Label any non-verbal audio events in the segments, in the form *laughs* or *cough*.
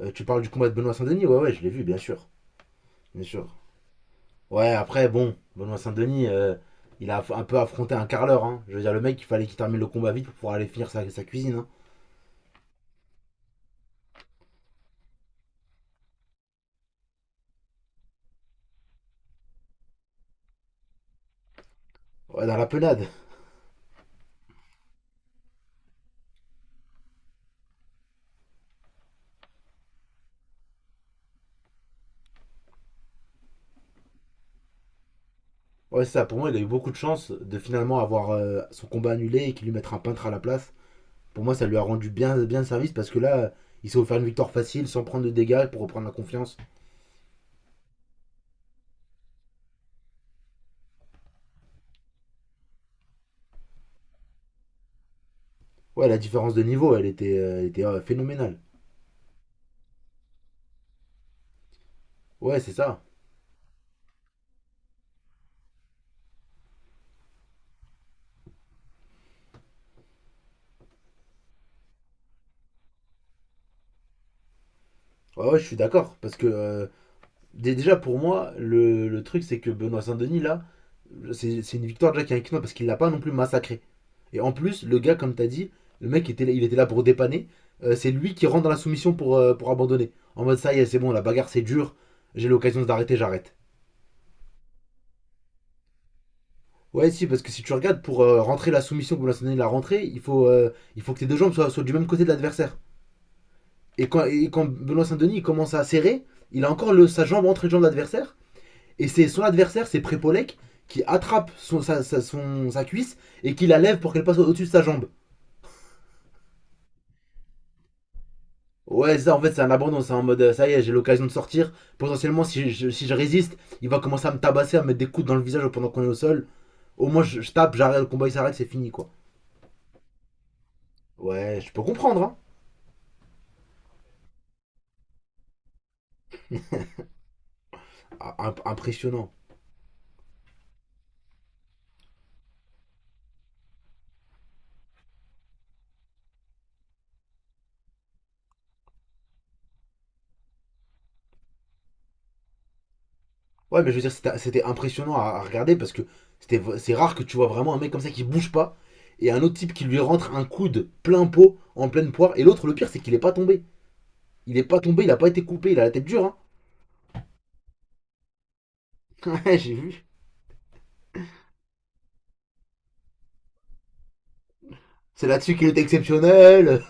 Tu parles du combat de Benoît Saint-Denis. Ouais, ouais, je l'ai vu, bien sûr. Bien sûr. Ouais, après, bon, Benoît Saint-Denis, il a un peu affronté un carleur. Hein. Je veux dire, le mec, il fallait qu'il termine le combat vite pour pouvoir aller finir sa cuisine. Hein. Ouais, dans la penade. Ouais, c'est ça. Pour moi, il a eu beaucoup de chance de finalement avoir son combat annulé et qu'il lui mette un peintre à la place. Pour moi, ça lui a rendu bien, bien service parce que là, il s'est offert une victoire facile sans prendre de dégâts pour reprendre la confiance. Ouais, la différence de niveau, elle était phénoménale. Ouais, c'est ça. Ouais, ouais, je suis d'accord. Parce que déjà, pour moi, le truc, c'est que Benoît Saint-Denis, là, c'est une victoire déjà qui est inclinante parce qu'il l'a pas non plus massacré. Et en plus, le gars, comme t'as dit, le mec, il était là pour dépanner. C'est lui qui rentre dans la soumission pour abandonner. En mode, ça y est, c'est bon, la bagarre, c'est dur. J'ai l'occasion d'arrêter, j'arrête. Ouais, si, parce que si tu regardes, pour rentrer la soumission que Benoît Saint-Denis l'a rentrée, il faut que tes deux jambes soient du même côté de l'adversaire. Et quand Benoît Saint-Denis il commence à serrer, il a encore sa jambe entre les jambes de l'adversaire. Et c'est son adversaire, c'est Prépolek, qui attrape son, sa, sa- son- sa cuisse et qui la lève pour qu'elle passe au- dessus de sa jambe. Ouais, ça en fait, c'est un abandon, c'est en mode ça y est, j'ai l'occasion de sortir. Potentiellement, si je résiste, il va commencer à me tabasser, à me mettre des coups dans le visage pendant qu'on est au sol. Au moins, je tape, j'arrête, le combat il s'arrête, c'est fini quoi. Ouais, je peux comprendre, hein. Ah, impressionnant. Ouais, mais je veux dire, c'était impressionnant à regarder parce que c'est rare que tu vois vraiment un mec comme ça qui bouge pas et un autre type qui lui rentre un coude plein pot en pleine poire. Et l'autre, le pire, c'est qu'il est pas tombé. Il est pas tombé, il a pas été coupé, il a la tête dure. Hein. Ouais, *laughs* j'ai vu. C'est là-dessus qu'il est exceptionnel.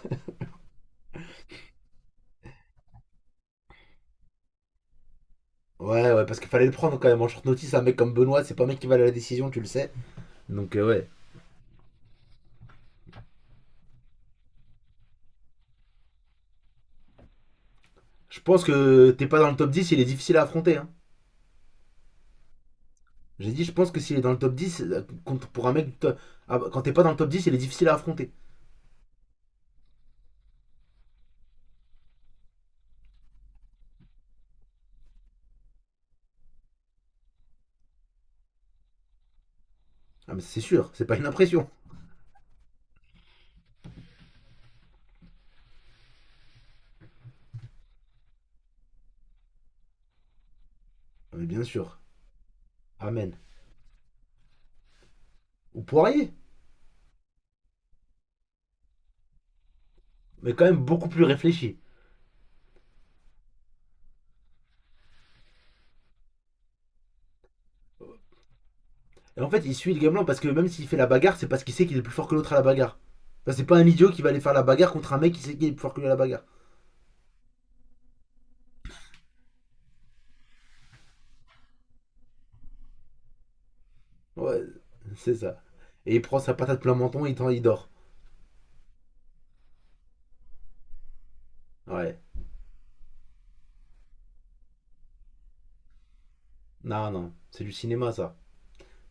Ouais, ouais, parce qu'il fallait le prendre quand même en short notice. Un mec comme Benoît, c'est pas un mec qui va à la décision, tu le sais. Donc, ouais. Je pense que t'es pas dans le top 10, il est difficile à affronter. Hein. J'ai dit, je pense que s'il est dans le top dix, pour un mec, ah, quand t'es pas dans le top 10, il est difficile à affronter. Ah, mais c'est sûr, c'est pas une impression. Ah, mais bien sûr. Amen. Ou Poirier, mais quand même beaucoup plus réfléchi. Et en fait, il suit le gamelan parce que même s'il fait la bagarre, c'est parce qu'il sait qu'il est plus fort que l'autre à la bagarre. Enfin, c'est pas un idiot qui va aller faire la bagarre contre un mec qui sait qu'il est plus fort que lui à la bagarre. Ouais, *laughs* c'est ça. Et il prend sa patate plein menton et il dort. Ouais. Non, non. C'est du cinéma, ça.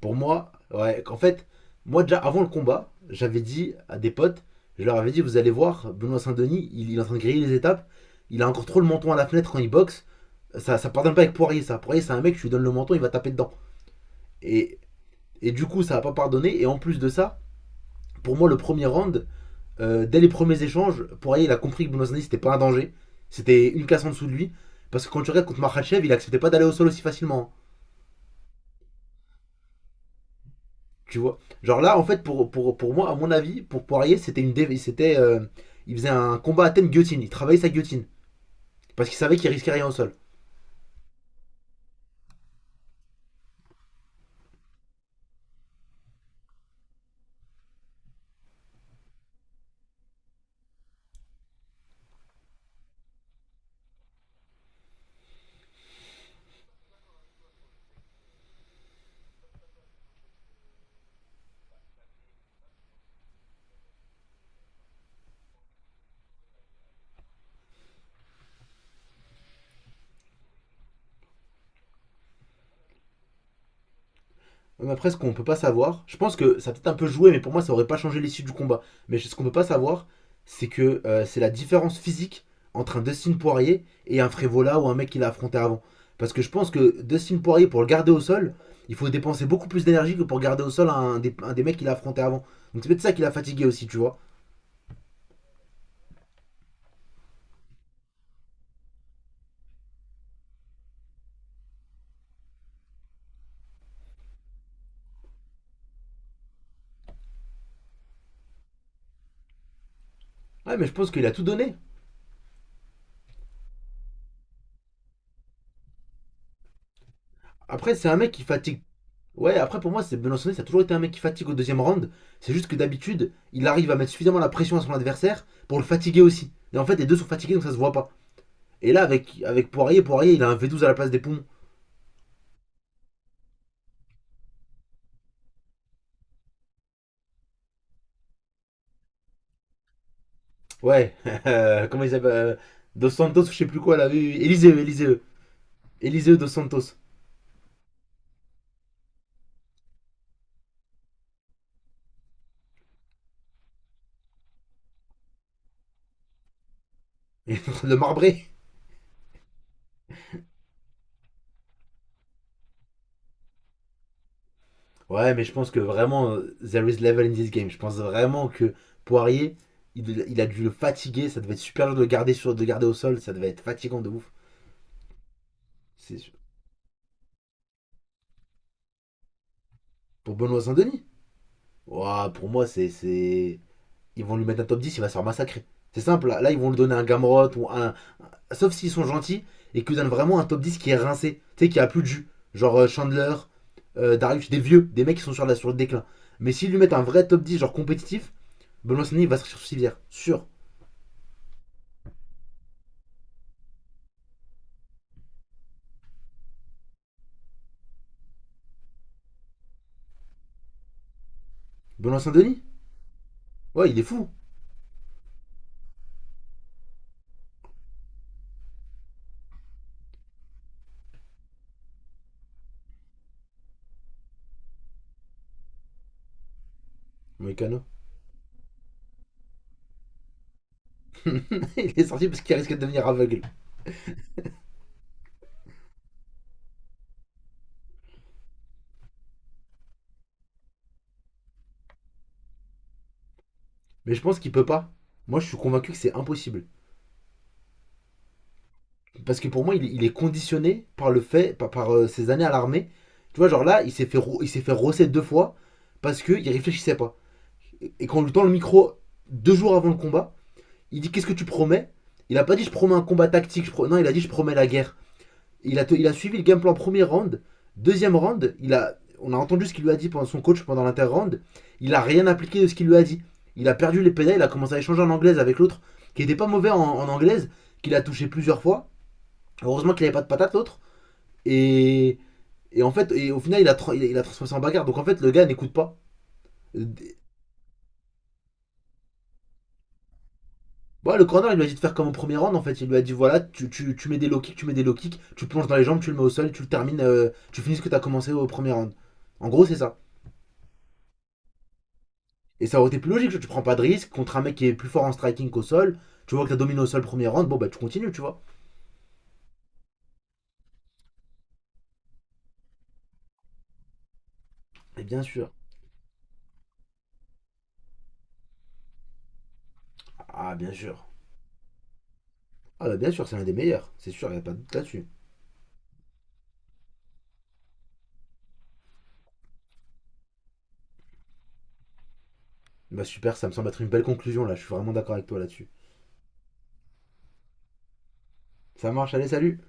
Pour moi, ouais, en fait, moi déjà avant le combat, j'avais dit à des potes, je leur avais dit, vous allez voir, Benoît Saint-Denis, il est en train de griller les étapes, il a encore trop le menton à la fenêtre quand il boxe. Ça pardonne pas avec Poirier, ça. Poirier, c'est un mec, je lui donne le menton, il va taper dedans. Et, et du coup, ça va pas pardonner. Et en plus de ça, pour moi, le premier round, dès les premiers échanges, Poirier, il a compris que Bounazani, c'était pas un danger. C'était une casse en dessous de lui. Parce que quand tu regardes contre Makhachev, il acceptait pas d'aller au sol aussi facilement. Tu vois. Genre là, en fait, pour moi, à mon avis, pour Poirier, c'était une dé- c'était, il faisait un combat à thème guillotine. Il travaillait sa guillotine. Parce qu'il savait qu'il risquait rien au sol. On a presque qu'on peut pas savoir. Je pense que ça a peut-être un peu joué, mais pour moi, ça aurait pas changé l'issue du combat. Mais ce qu'on peut pas savoir, c'est la différence physique entre un Dustin Poirier et un Frévola ou un mec qu'il a affronté avant. Parce que je pense que Dustin Poirier, pour le garder au sol, il faut dépenser beaucoup plus d'énergie que pour garder au sol un des mecs qu'il a affronté avant. Donc c'est peut-être ça qui l'a fatigué aussi, tu vois. Ouais, mais je pense qu'il a tout donné. Après, c'est un mec qui fatigue. Ouais, après pour moi, c'est Benoît, ça a toujours été un mec qui fatigue au deuxième round. C'est juste que d'habitude, il arrive à mettre suffisamment la pression à son adversaire pour le fatiguer aussi. Et en fait, les deux sont fatigués donc ça se voit pas. Et là, avec Poirier, il a un V12 à la place des poumons. Ouais, *laughs* comment il s'appelle Dos Santos, je sais plus quoi, là, oui, oui, Eliseu, Eliseu. Eliseu Dos Santos. *laughs* le marbré. Ouais, mais je pense que vraiment, there is level in this game. Je pense vraiment que Poirier, il a dû le fatiguer. Ça devait être super dur de le garder au sol. Ça devait être fatigant de ouf. C'est sûr. Pour Benoît Saint-Denis. Ouah, pour moi, c'est. Ils vont lui mettre un top 10, il va se faire massacrer. C'est simple, là, là, ils vont lui donner un Gamrot ou un. Sauf s'ils sont gentils et qu'ils donnent vraiment un top 10 qui est rincé, tu sais, qui a plus de jus. Genre Chandler, Darius, des vieux, des mecs qui sont sur le déclin. Mais s'ils lui mettent un vrai top 10, genre compétitif, Benoît Saint-Denis va sortir sur civière. Sûr. Benoît Saint-Denis. Ouais, il est fou. Moïcano. *laughs* Il est sorti parce qu'il risque de devenir aveugle. Mais je pense qu'il peut pas. Moi, je suis convaincu que c'est impossible. Parce que pour moi, il est conditionné par le fait, ses années à l'armée. Tu vois, genre là, il s'est fait rosser deux fois parce qu'il réfléchissait pas. Et quand on lui tend le micro deux jours avant le combat, il dit, qu'est-ce que tu promets? Il a pas dit, je promets un combat tactique. Non, il a dit, je promets la guerre. Il a suivi le game plan premier round. Deuxième round, on a entendu ce qu'il lui a dit pendant son coach pendant l'inter-round. Il a rien appliqué de ce qu'il lui a dit. Il a perdu les pédales, il a commencé à échanger en anglaise avec l'autre qui était pas mauvais en anglaise, qu'il a touché plusieurs fois. Heureusement qu'il avait pas de patate l'autre. Et, et en fait, et au final, il a transformé ça en bagarre. Donc en fait, le gars n'écoute pas. Euh, Ouais, le corner, il lui a dit de faire comme au premier round. En fait, il lui a dit voilà, tu mets des low kicks, tu plonges dans les jambes, tu le mets au sol, tu le termines, tu finis ce que tu as commencé au premier round. En gros, c'est ça. Et ça aurait été plus logique, tu prends pas de risque contre un mec qui est plus fort en striking qu'au sol. Tu vois que t'as dominé au sol premier round, bon bah tu continues, tu vois. Et bien sûr. Ah, bien sûr. Ah, bah bien sûr, c'est l'un des meilleurs. C'est sûr, y a pas de doute là-dessus. Bah super, ça me semble être une belle conclusion là, je suis vraiment d'accord avec toi là-dessus. Ça marche, allez, salut.